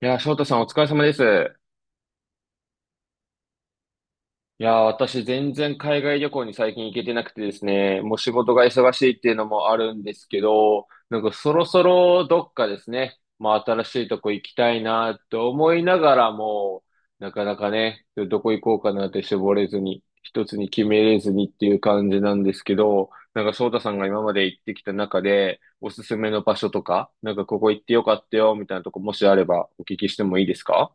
いやー、翔太さんお疲れ様です。いやー、私全然海外旅行に最近行けてなくてですね、もう仕事が忙しいっていうのもあるんですけど、なんかそろそろどっかですね、まあ新しいとこ行きたいなと思いながらも、なかなかね、どこ行こうかなって絞れずに、一つに決めれずにっていう感じなんですけど、なんか翔太さんが今まで行ってきた中で、おすすめの場所とか、なんかここ行ってよかったよみたいなとこもしあればお聞きしてもいいですか？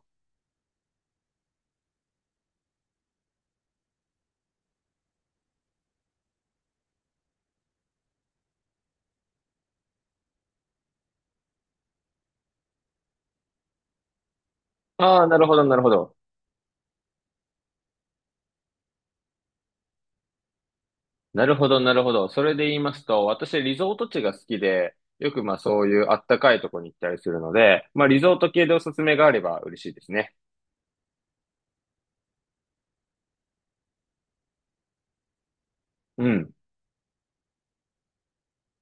ああー、なるほど、なるほど。なるほど、なるほど。それで言いますと、私、リゾート地が好きで、よくまあそういうあったかいとこに行ったりするので、まあリゾート系でおすすめがあれば嬉しいですね。うん。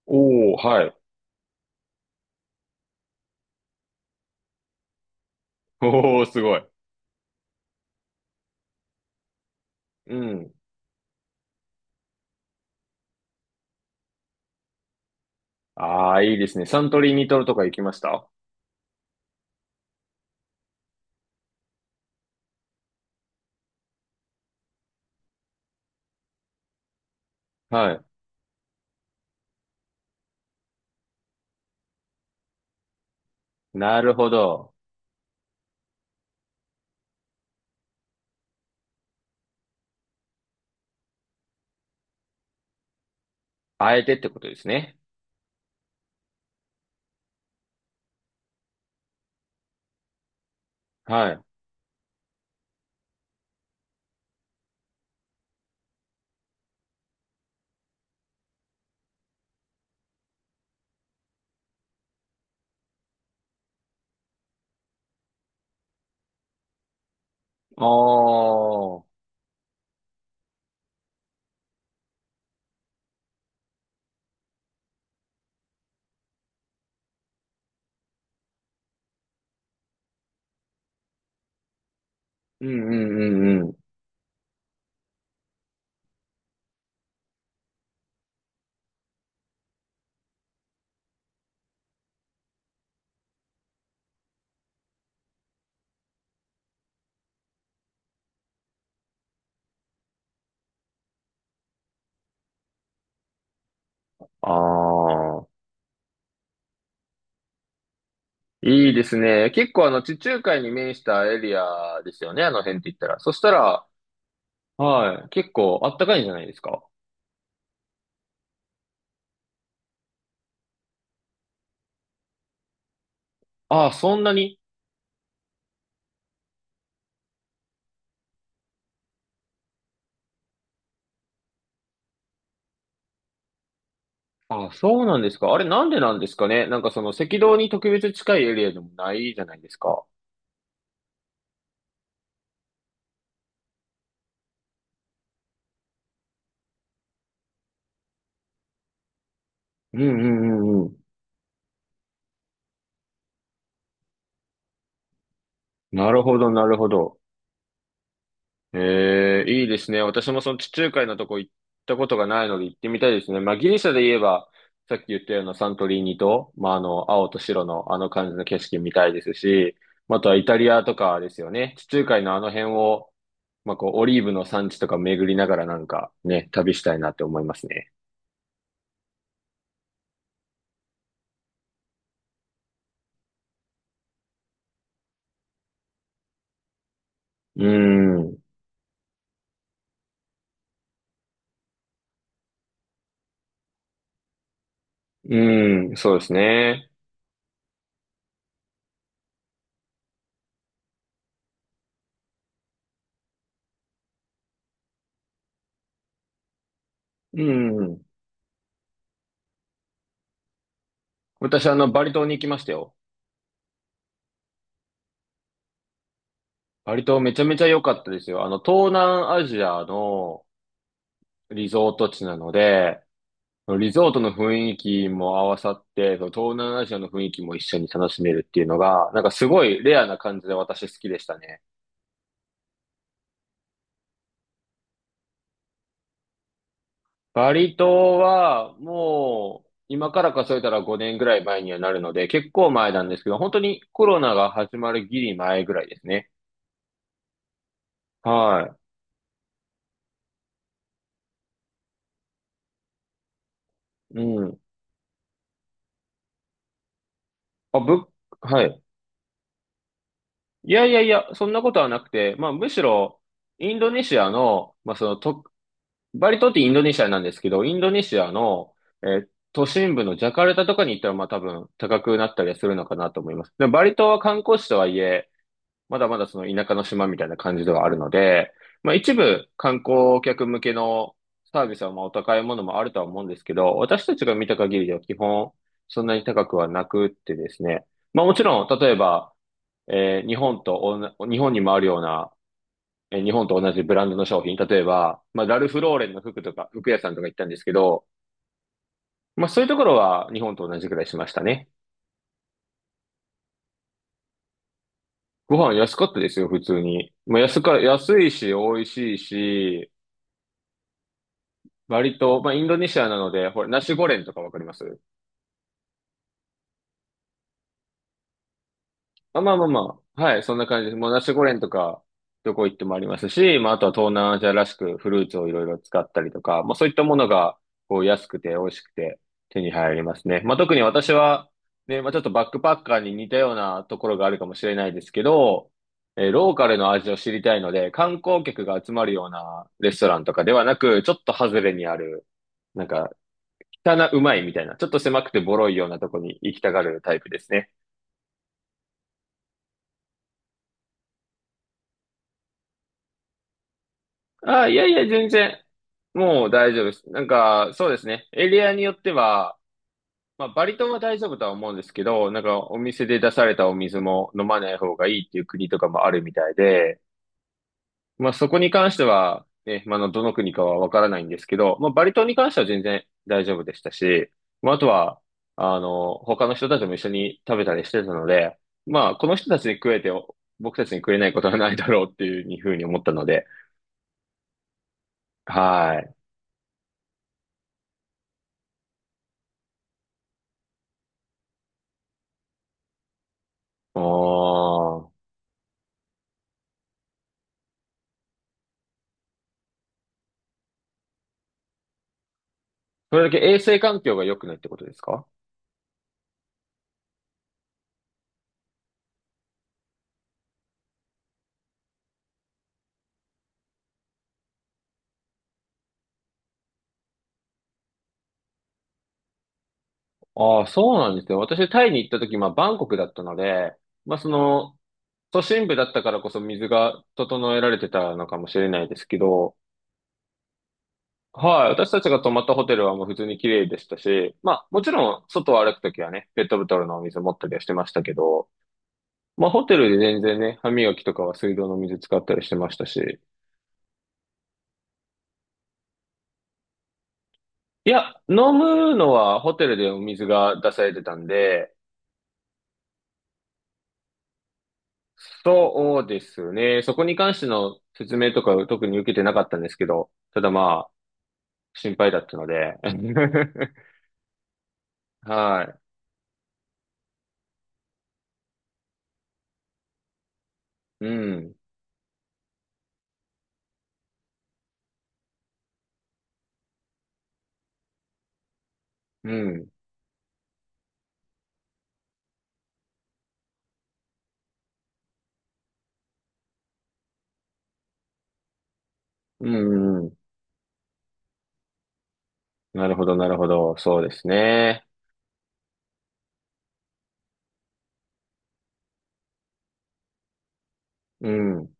おー、はい。おー、すごい。うん。ああ、いいですね。サントリーニトロとか行きました？はい。なるほど。あえてってことですね。はい。ああ、うんうんうんうん。ああ、いいですね。結構あの地中海に面したエリアですよね。あの辺って言ったら。そしたら、はい。結構あったかいんじゃないですか？ああ、そんなに。ああ、そうなんですか？あれなんでなんですかね。なんかその赤道に特別近いエリアでもないじゃないですか。うんうんうんうん。なるほど、なるほど。ええ、いいですね。私もその地中海のとこ行ったことがないので行ってみたいですね。まあ、ギリシャで言えば、さっき言ったようなサントリーニと、まあ、あの、青と白のあの感じの景色見たいですし、まあとはイタリアとかですよね。地中海のあの辺を、まあ、こう、オリーブの産地とか巡りながらなんかね、旅したいなって思いますね。うん。うん、そうですね。うん。私、あの、バリ島に行きましたよ。バリ島めちゃめちゃ良かったですよ。あの、東南アジアのリゾート地なので、リゾートの雰囲気も合わさって、その東南アジアの雰囲気も一緒に楽しめるっていうのが、なんかすごいレアな感じで私好きでしたね。バリ島はもう今から数えたら5年ぐらい前にはなるので、結構前なんですけど、本当にコロナが始まるギリ前ぐらいですね。はい。うん。あ、ぶ、はい。いやいやいや、そんなことはなくて、まあむしろ、インドネシアの、まあそのと、バリ島ってインドネシアなんですけど、インドネシアの、都心部のジャカルタとかに行ったら、まあ多分高くなったりはするのかなと思います。でもバリ島は観光地とはいえ、まだまだその田舎の島みたいな感じではあるので、まあ一部観光客向けのサービスはまあお高いものもあるとは思うんですけど、私たちが見た限りでは基本そんなに高くはなくってですね。まあもちろん、例えば、えー日本とおんな、日本にもあるような日本と同じブランドの商品、例えば、まあ、ラルフローレンの服とか、服屋さんとか行ったんですけど、まあ、そういうところは日本と同じくらいしましたね。ご飯安かったですよ、普通に。まあ、安いし、美味しいし、割と、まあ、インドネシアなので、ほら、ナシゴレンとかわかります？あ、まあまあまあ。はい、そんな感じです。もうナシゴレンとか、どこ行ってもありますし、まああとは東南アジアらしくフルーツをいろいろ使ったりとか、まあそういったものが、こう安くて美味しくて手に入りますね。まあ特に私は、ね、まあちょっとバックパッカーに似たようなところがあるかもしれないですけど、ローカルの味を知りたいので、観光客が集まるようなレストランとかではなく、ちょっと外れにある、なんか、汚うまいみたいな、ちょっと狭くてボロいようなとこに行きたがるタイプですね。あ、いやいや、全然。もう大丈夫です。なんか、そうですね。エリアによっては、まあ、バリ島は大丈夫とは思うんですけど、なんか、お店で出されたお水も飲まない方がいいっていう国とかもあるみたいで、まあ、そこに関しては、ね、まあ、あのどの国かはわからないんですけど、まあ、バリ島に関しては全然大丈夫でしたし、まあ、あとは、あの、他の人たちも一緒に食べたりしてたので、まあ、この人たちに食えて、僕たちに食えないことはないだろうっていうふうに思ったので、はい。おあ。それだけ衛生環境が良くないってことですか？ああ、そうなんですよ。私、タイに行った時、まあ、バンコクだったので、まあ、その、都心部だったからこそ水が整えられてたのかもしれないですけど、はい、私たちが泊まったホテルはもう普通に綺麗でしたし、まあ、もちろん、外を歩くときはね、ペットボトルのお水持ったりはしてましたけど、まあ、ホテルで全然ね、歯磨きとかは水道の水使ったりしてましたし、いや、飲むのはホテルでお水が出されてたんで、そうですね。そこに関しての説明とかを特に受けてなかったんですけど、ただまあ、心配だったので。はい。うん。うん。うん。うん。なるほど、なるほど。そうですね。うん。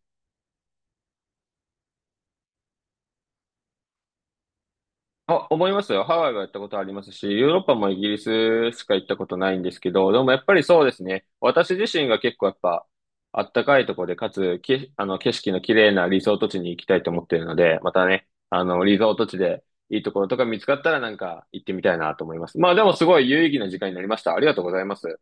あ、思いますよ。ハワイは行ったことありますし、ヨーロッパもイギリスしか行ったことないんですけど、でもやっぱりそうですね。私自身が結構やっぱ、あったかいところで、かつ、あの、景色の綺麗なリゾート地に行きたいと思っているので、またね、あの、リゾート地でいいところとか見つかったらなんか行ってみたいなと思います。まあでもすごい有意義な時間になりました。ありがとうございます。